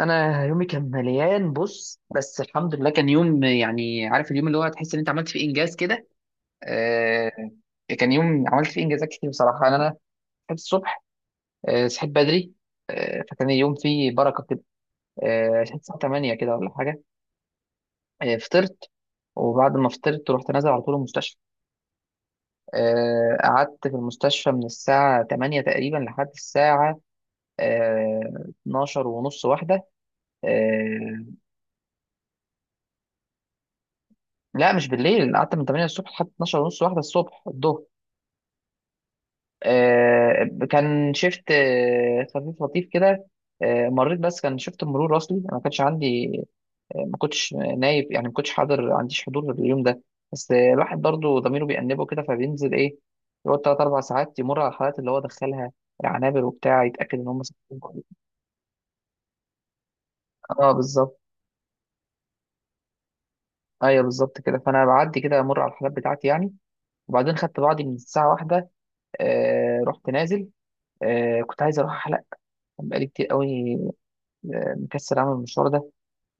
انا يومي كان مليان. بص بس الحمد لله كان يوم، يعني عارف اليوم اللي هو تحس ان انت عملت فيه انجاز كده. آه كان يوم عملت فيه انجازات كتير بصراحه. انا صحيت الصبح، آه صحيت بدري، آه فكان اليوم فيه بركه كده. آه صحيت الساعه 8 كده ولا حاجه، آه فطرت، وبعد ما فطرت رحت نازل على طول المستشفى. آه قعدت في المستشفى من الساعه 8 تقريبا لحد الساعه آه 12 ونص واحده. آه لا مش بالليل، انا قعدت من 8 الصبح لحد 12 ونص واحده الصبح الظهر. آه كان شيفت آه خفيف لطيف كده. آه مريت، بس كان شيفت مرور اصلي، أنا ما كانش عندي، آه ما كنتش نايب، يعني ما كنتش حاضر، ما عنديش حضور اليوم ده. بس آه الواحد برضه ضميره بيأنبه كده فبينزل، ايه، يقعد ثلاث اربع ساعات يمر على الحالات اللي هو دخلها، العنابر وبتاع، يتأكد ان هم صحيين كويس. اه بالظبط. ايوه بالظبط كده، فانا بعدي كده امر على الحالات بتاعتي يعني. وبعدين خدت بعضي من الساعه واحدة، آه رحت نازل، آه كنت عايز اروح حلق، بقالي كتير قوي، آه مكسل اعمل المشوار ده.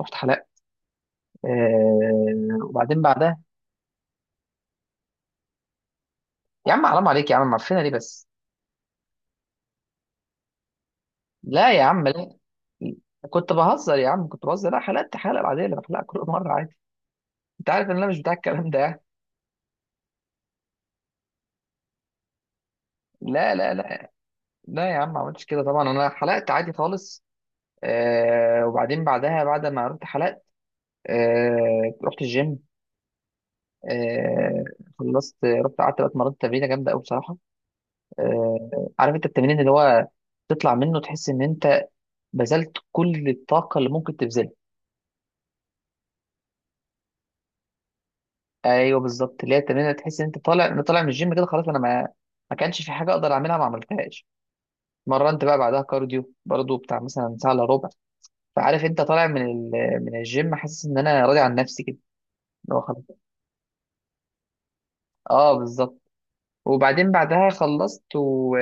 رحت حلق، آه وبعدين بعدها. يا عم حرام عليك يا عم، معفنه ليه بس؟ لا يا عم لا، كنت بهزر يا عم، كنت بهزر، لا حلقت حلقه بعدين اللي بحلقها كل مره عادي. انت عارف ان انا مش بتاع الكلام ده يعني. لا، لا يا عم ما عملتش كده طبعا، انا حلقت عادي خالص. آه وبعدين بعدها، بعد ما رحت حلقت، آه رحت الجيم. آه خلصت رحت قعدت بقى اتمرنت تمرينه جامده قوي بصراحه. آه، عارف انت التمرين اللي هو تطلع منه تحس ان انت بذلت كل الطاقه اللي ممكن تبذلها. ايوه بالظبط، اللي هي التمرين اللي تحس ان انت طالع، انا طالع من الجيم كده خلاص، انا ما ما كانش في حاجه اقدر اعملها ما عملتهاش. مرنت بقى بعدها كارديو برضو بتاع مثلا ساعه الا ربع. فعارف انت طالع من من الجيم حاسس ان انا راضي عن نفسي كده. اللي هو خلاص، اه بالظبط. وبعدين بعدها خلصت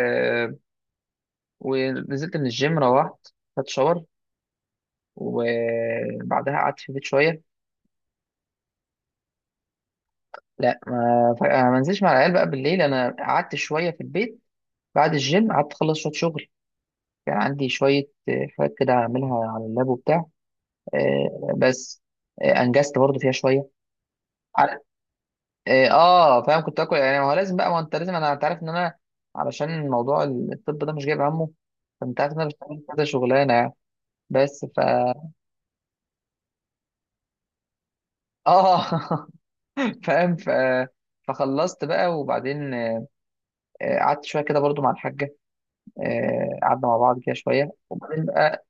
ونزلت من الجيم، روحت خدت شاور، وبعدها قعدت في البيت شويه. لا ما ف- أنا ما نزلش مع العيال بقى بالليل، انا قعدت شويه في البيت بعد الجيم، قعدت اخلص شويه شغل، كان عندي شويه آه، حاجات كده اعملها على اللاب وبتاع. آه، بس آه، انجزت برضو فيها شويه. على- اه آه، فاهم، كنت اكل يعني ما هو لازم بقى، ما هو انت لازم، انا انت عارف ان انا علشان موضوع الطب ده مش جايب همه. فانت عارف ان انا بشتغل كذا شغلانه يعني. بس ف اه فاهم. فخلصت بقى وبعدين آه، قعدت شويه كده برضو مع الحاجه، آه، قعدنا مع بعض كده شويه وبعدين بقى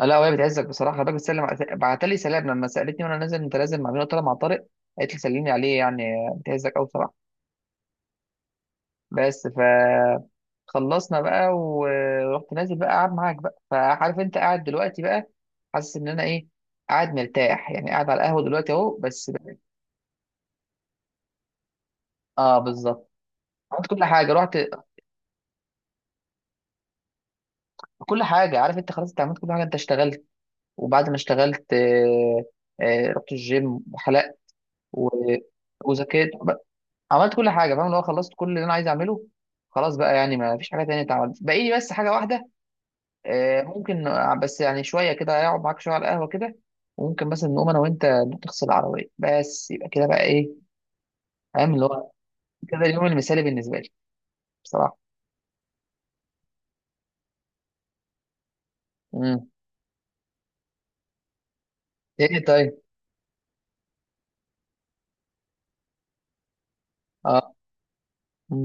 آه، لا وهي بتعزك بصراحه. خلي بالك بتسلم بعت لي سلام لما سالتني وانا نازل، انت نازل مع مين؟ قلت لها مع طارق، قالت لي سلمي عليه يعني. آه، بتعزك قوي بصراحه. بس فخلصنا بقى ورحت نازل بقى قاعد معاك بقى. فعارف انت قاعد دلوقتي بقى حاسس ان انا ايه، قاعد مرتاح يعني، قاعد على القهوه دلوقتي اهو بس. اه بالظبط، عملت كل حاجه، رحت، كل حاجه، عارف انت خلاص، انت عملت كل حاجه، انت اشتغلت، وبعد ما اشتغلت آه، آه، رحت الجيم وحلقت، و... وذاكرت، عملت كل حاجه فاهم، اللي هو خلصت كل اللي انا عايز اعمله، خلاص بقى يعني ما فيش حاجه تانية اتعملت، باقي لي بس حاجه واحده آه، ممكن آه، بس يعني شويه كده اقعد معاك شويه على القهوه كده، وممكن مثلا نقوم انا وانت نروح تغسل العربيه، بس يبقى كده بقى، ايه فاهم اللي هو كده اليوم المثالي بالنسبه لي بصراحه. امم، ايه طيب، اه مم.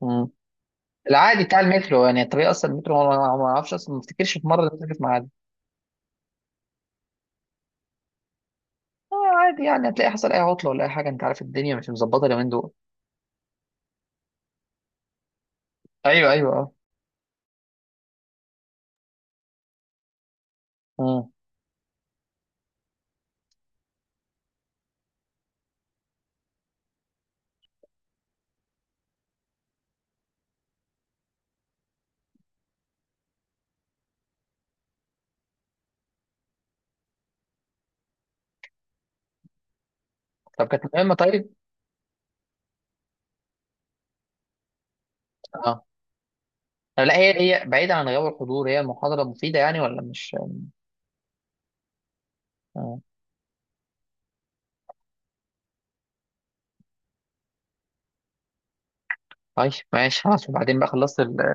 مم. العادي بتاع المترو، يعني الطريق اصلا المترو ما اعرفش اصلا ما افتكرش في مره إنه في ميعاد. آه عادي يعني، هتلاقي حصل اي عطله ولا اي حاجه، انت عارف الدنيا مش مظبطه اليومين دول. ايوه ايوه آه. مم. طب كانت مهمة طيب؟ اه آه، لا هي بعيدة عن غياب الحضور، هي محاضرة مفيدة يعني ولا مش. آه. طيب ماشي خلاص، وبعدين بقى خلصت ال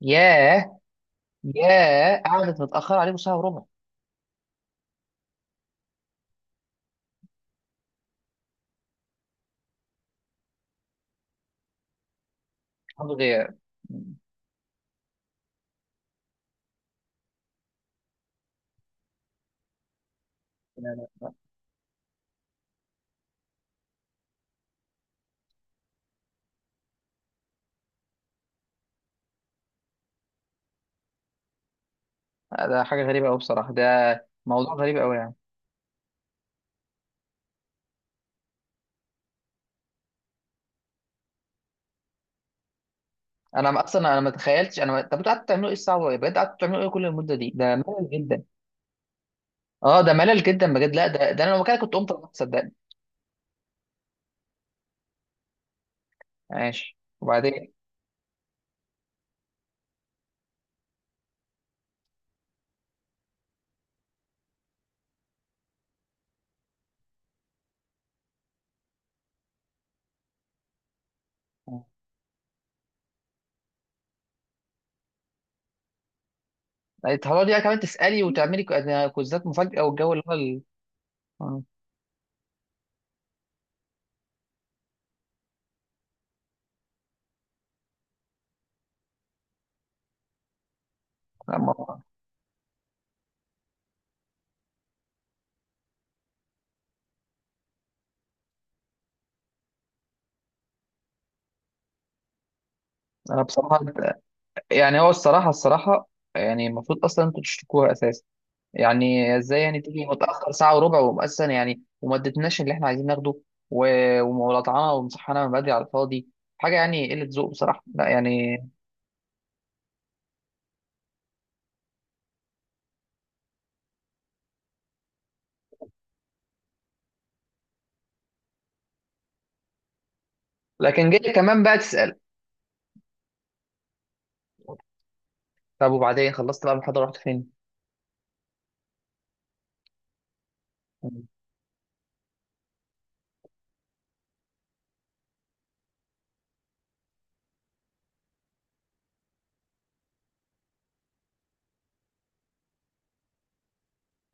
ياه. ياه قعدت متأخرة عليكم ساعة وربع. حضور غياب. مم. لا لا ده حاجة غريبة أوي بصراحة، ده موضوع غريب أوي يعني. أنا ما- أصلا أنا ما تخيلتش أنا ما... طب أنتوا قعدتوا تعملوا إيه الساعة وربع؟ بجد قعدتوا تعملوا إيه كل المدة دي؟ ده ملل جدا. اه ده ملل جدا بجد، لا ده, ده أنا لو مكانك كنت قمت أصلاً، صدقني. ماشي وبعدين. هتقعدي بقى كمان تسألي وتعملي كوزات مفاجأة والجو اللي هو لا، ما- أنا بصراحة، يعني هو الصراحة الصراحة، يعني المفروض أصلا أنتوا تشتكوها أساسا، يعني إزاي يعني تيجي متأخر ساعة وربع وأساسا يعني وما ادتناش اللي إحنا عايزين ناخده، و... ومولطعنا ومصحنا من بدري على الفاضي. حاجة يعني قلة ذوق بصراحة، لا يعني. لكن جاي كمان بقى تسأل. طب وبعدين خلصت بقى المحاضرة رحت فين؟ آه.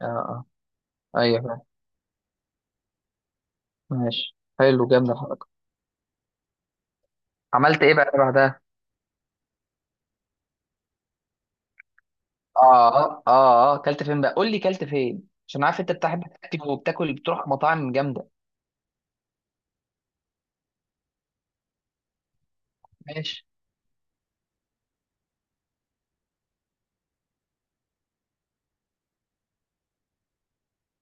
آه. أيوه. ماشي حلو، جامد الحركة. عملت إيه بقى بعدها؟ اه. اه اه، كلت فين بقى؟ قول لي كلت فين عشان عارف انت بتحب تاكل وبتاكل بتروح مطاعم جامده. ماشي.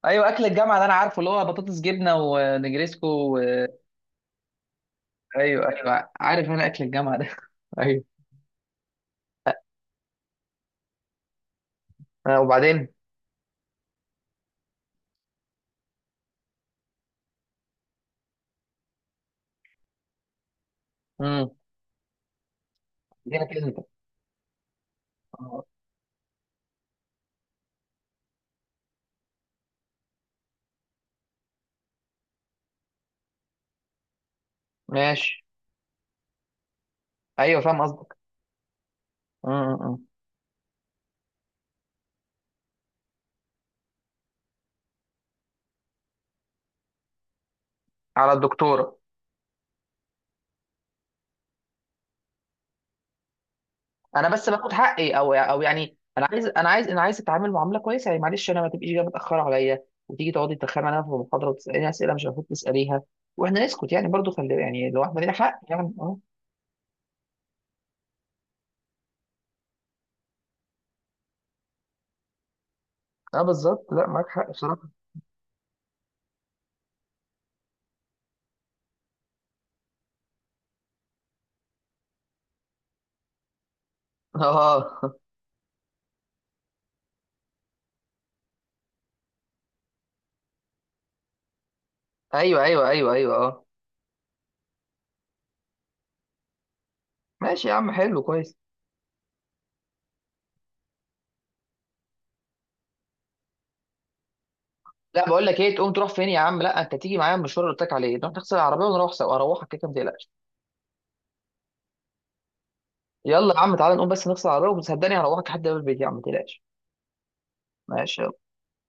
ايوه اكل الجامعه ده انا عارفه اللي هو بطاطس جبنه ونجريسكو و... ايوه ايوه، عارف انا اكل الجامعه ده ايوه. آه وبعدين. امم. جينا كده انت. آه. ماشي ايوه فاهم قصدك. أمم. على الدكتوره. انا بس باخد حقي، او يعني انا عايز، انا عايز اتعامل معامله كويسه يعني، معلش انا، ما تبقيش جايه متاخره عليا وتيجي تقعدي تتخانق معايا في المحاضره وتساليني اسئله مش المفروض تساليها. واحنا نسكت يعني برضو، خلي يعني لو احنا لينا حق يعني، اه. اه بالظبط، لا معاك حق بصراحه. اه. ايوه اه. ماشي يا عم حلو كويس. لا بقول لك ايه، تقوم تروح فين يا عم؟ لا انت تيجي معايا المشوار اللي قلت لك عليه، نروح نغسل العربيه ونروح سوا اروحك كده ما تقلقش. يلا يا عم تعالى نقوم بس نغسل العربيه وصدقني هروحك لحد باب البيت يا عم ما تقلقش. ماشي يلا.